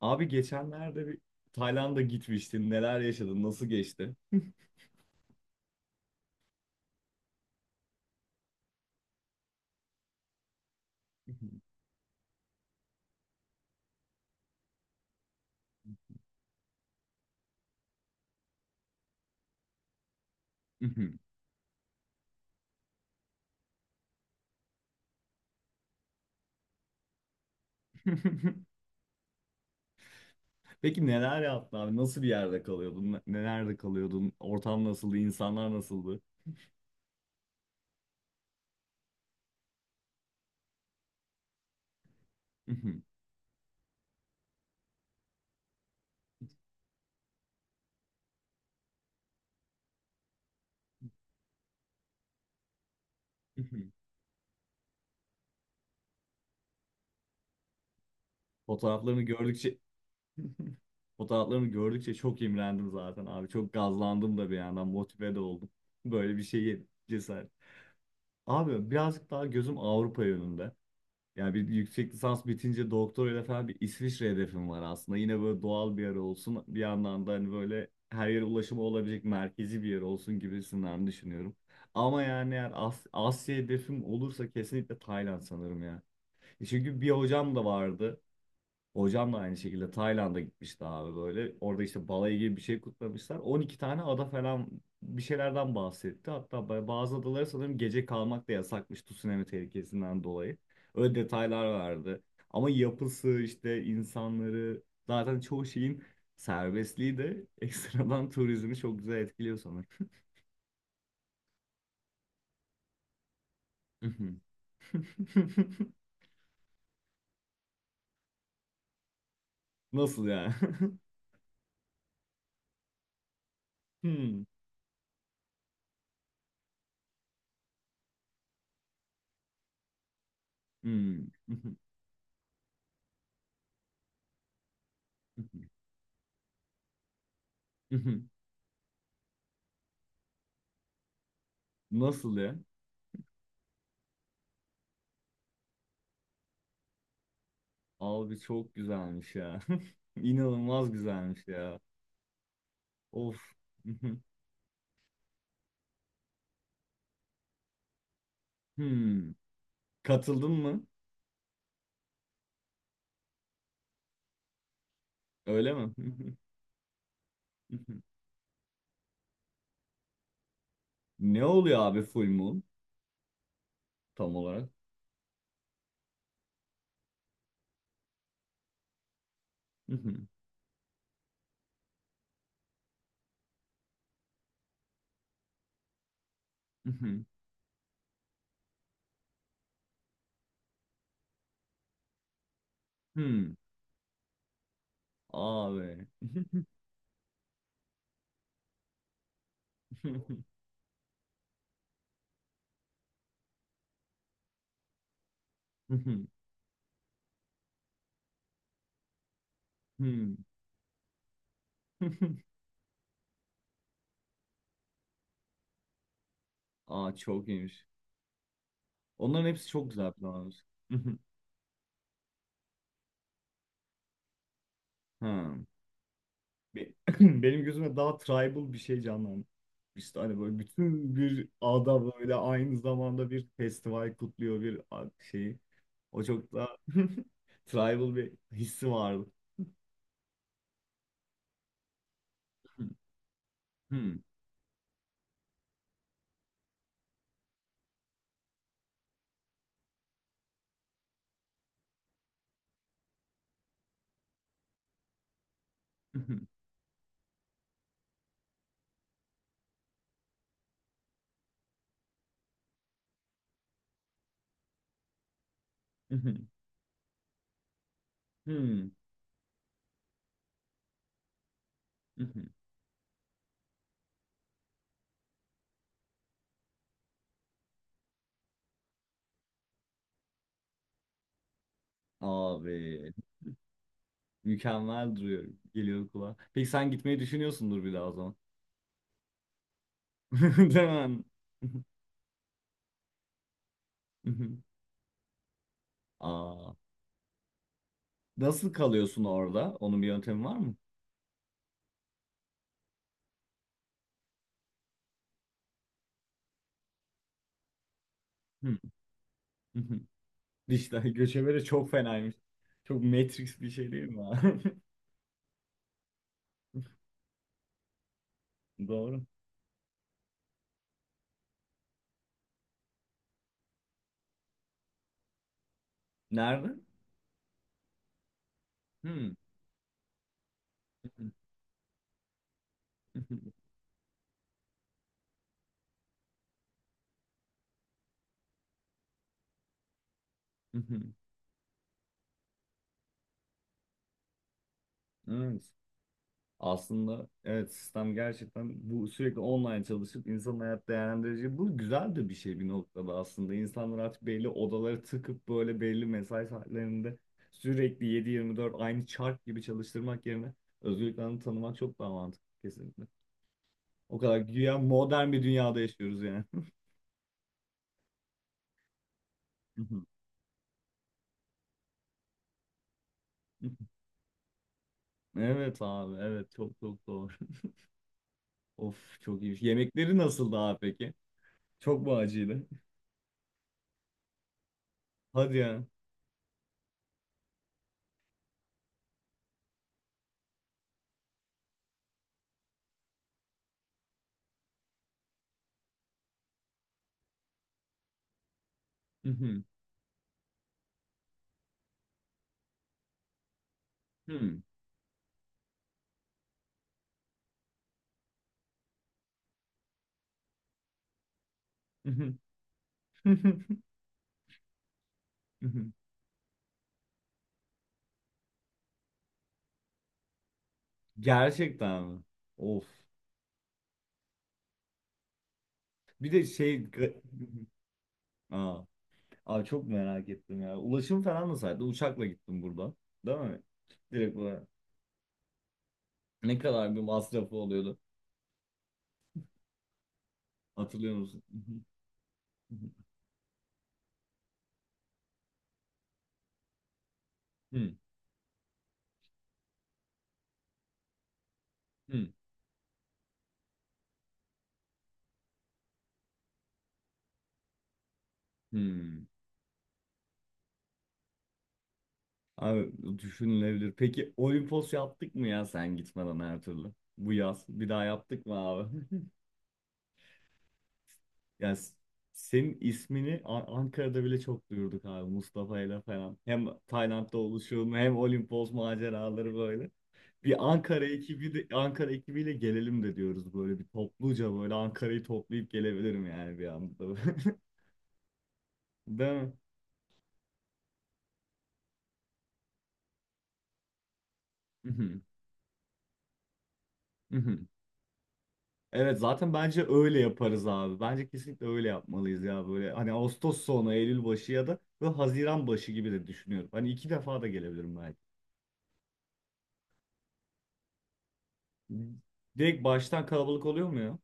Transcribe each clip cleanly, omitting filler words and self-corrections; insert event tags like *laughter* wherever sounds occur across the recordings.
Abi geçenlerde bir Tayland'a gitmiştin. Neler yaşadın? Nasıl geçti? *laughs* Peki neler yaptın abi? Nasıl bir yerde kalıyordun? Nelerde kalıyordun? Ortam nasıldı? İnsanlar nasıldı? *laughs* Fotoğraflarını gördükçe *laughs* fotoğraflarını gördükçe çok imrendim zaten abi. Çok gazlandım da bir yandan motive de oldum. Böyle bir şeye cesaret. Abi birazcık daha gözüm Avrupa yönünde. Yani bir yüksek lisans bitince doktorayla falan bir İsviçre hedefim var aslında. Yine böyle doğal bir yer olsun. Bir yandan da hani böyle her yere ulaşımı olabilecek merkezi bir yer olsun gibisinden düşünüyorum. Ama yani eğer Asya hedefim olursa kesinlikle Tayland sanırım ya. E çünkü bir hocam da vardı. Hocam da aynı şekilde Tayland'a gitmişti abi böyle. Orada işte balayı gibi bir şey kutlamışlar. 12 tane ada falan bir şeylerden bahsetti. Hatta bazı adalara sanırım gece kalmak da yasakmış tsunami tehlikesinden dolayı. Öyle detaylar vardı. Ama yapısı işte insanları zaten çoğu şeyin serbestliği de *laughs* ekstradan turizmi çok güzel etkiliyor sanırım. Mhm. *laughs* Nasıl ya? *laughs* Hmm. Hmm. *laughs* Nasıl ya? Abi çok güzelmiş ya. *laughs* İnanılmaz güzelmiş ya. Of. *laughs* Hmm. Katıldın mı? Öyle mi? *laughs* Ne oluyor abi full moon tam olarak? *laughs* Hmm. Abi. *laughs* Hmm. *laughs* Aa, çok iyiymiş. Onların hepsi çok güzel planlar. *laughs* Hmm. Be- *clears throat* Benim gözüme daha tribal bir şey canlandı. İşte hani böyle bütün bir ada böyle aynı zamanda bir festival kutluyor bir şeyi. O çok daha *laughs* tribal bir hissi vardı. Hmm. *laughs* Hmm. *laughs* Abi mükemmel duruyor. Geliyor kulağa. Peki sen gitmeyi düşünüyorsundur bir daha o zaman. *laughs* Değil mi? *laughs* Aa, nasıl kalıyorsun orada? Onun bir yöntemi var mı? *laughs* Dijital göçebe çok fenaymış. Çok Matrix bir şey değil mi abi? *laughs* Doğru. Nerede? Hmm. *laughs* Evet. Aslında evet, sistem gerçekten bu, sürekli online çalışıp insanın hayat değerlendirici. Bu güzel de bir şey bir noktada aslında. İnsanlar artık belli odaları tıkıp böyle belli mesai saatlerinde sürekli yedi yirmi dört aynı çark gibi çalıştırmak yerine özgürlüklerini tanımak çok daha mantıklı kesinlikle. O kadar güya modern bir dünyada yaşıyoruz yani. *laughs* Evet abi evet, çok çok doğru. *laughs* Of çok iyi. Yemekleri nasıldı abi peki? Çok mu acıydı? *laughs* Hadi ya. Hı hı, hı, hı hı, hı hı, hı hı. Gerçekten mi? Of. Bir de *laughs* Aa, abi çok merak ettim ya. Ulaşım falan nasıldı? Uçakla gittim burada. Değil mi? Direkt olarak. Ne kadar bir masrafı oluyordu? Hatırlıyor musun? Hı hı, hı hı, hı hı, hı. Abi düşünülebilir. Peki Olimpos yaptık mı ya sen gitmeden her türlü? Bu yaz bir daha yaptık mı abi? *laughs* Ya s- senin ismini Ankara'da bile çok duyurduk abi Mustafa ile falan. Hem Tayland'da oluşum hem Olimpos maceraları böyle. Bir Ankara ekibi Ankara ekibiyle gelelim de diyoruz böyle bir topluca böyle Ankara'yı toplayıp gelebilirim yani bir anda. *laughs* Değil mi? *laughs* Evet zaten bence öyle yaparız abi. Bence kesinlikle öyle yapmalıyız ya böyle. Hani Ağustos sonu, Eylül başı ya da böyle Haziran başı gibi de düşünüyorum. Hani iki defa da gelebilirim belki. Direkt baştan kalabalık oluyor mu ya?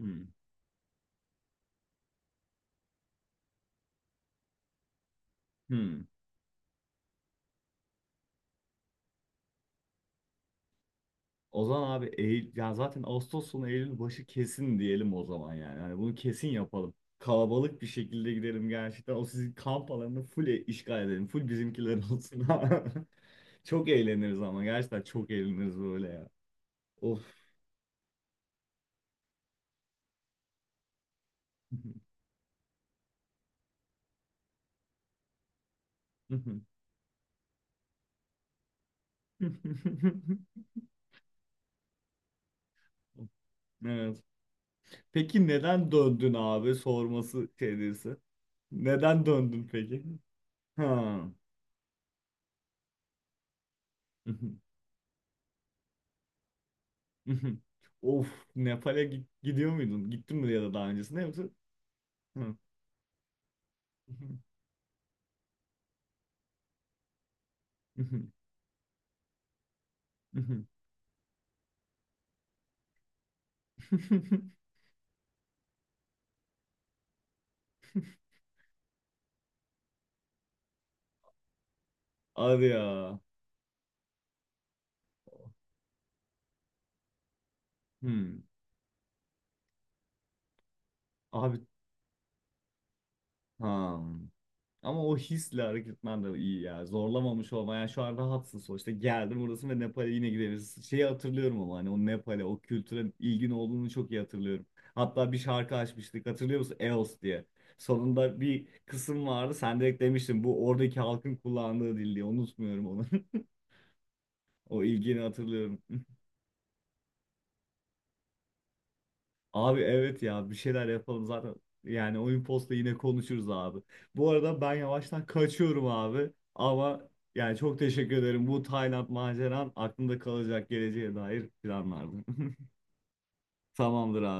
Hmm. Hmm. O zaman abi Eylül, ya zaten Ağustos sonu Eylül başı kesin diyelim o zaman yani. Hani bunu kesin yapalım. Kalabalık bir şekilde gidelim gerçekten. O sizin kamp alanını full işgal edelim. Full bizimkiler olsun. *laughs* Çok eğleniriz ama gerçekten çok eğleniriz böyle ya. Of. *laughs* *laughs* Evet. Peki neden döndün abi sorması şeydesi. Neden döndün peki? Ha. *laughs* Of, Nepal'e gidiyor muydun? Gittin mi ya da daha öncesinde yoksa? Hı. *laughs* Hadi ya. Hmm. Abi ha. Ama o hisle hareket etmen de iyi ya. Zorlamamış olma. Yani şu an rahatsın sonuçta. Geldim burası ve Nepal'e yine gideriz. Şeyi hatırlıyorum ama hani o Nepal'e, o kültüre ilgin olduğunu çok iyi hatırlıyorum. Hatta bir şarkı açmıştık. Hatırlıyor musun? Eos diye. Sonunda bir kısım vardı. Sen direkt demiştin bu oradaki halkın kullandığı dil diye. Unutmuyorum onu. *laughs* O ilgini hatırlıyorum. Abi evet ya, bir şeyler yapalım zaten. Yani oyun posta yine konuşuruz abi. Bu arada ben yavaştan kaçıyorum abi. Ama yani çok teşekkür ederim. Bu Tayland maceran aklımda kalacak, geleceğe dair planlardı. *laughs* Tamamdır abi.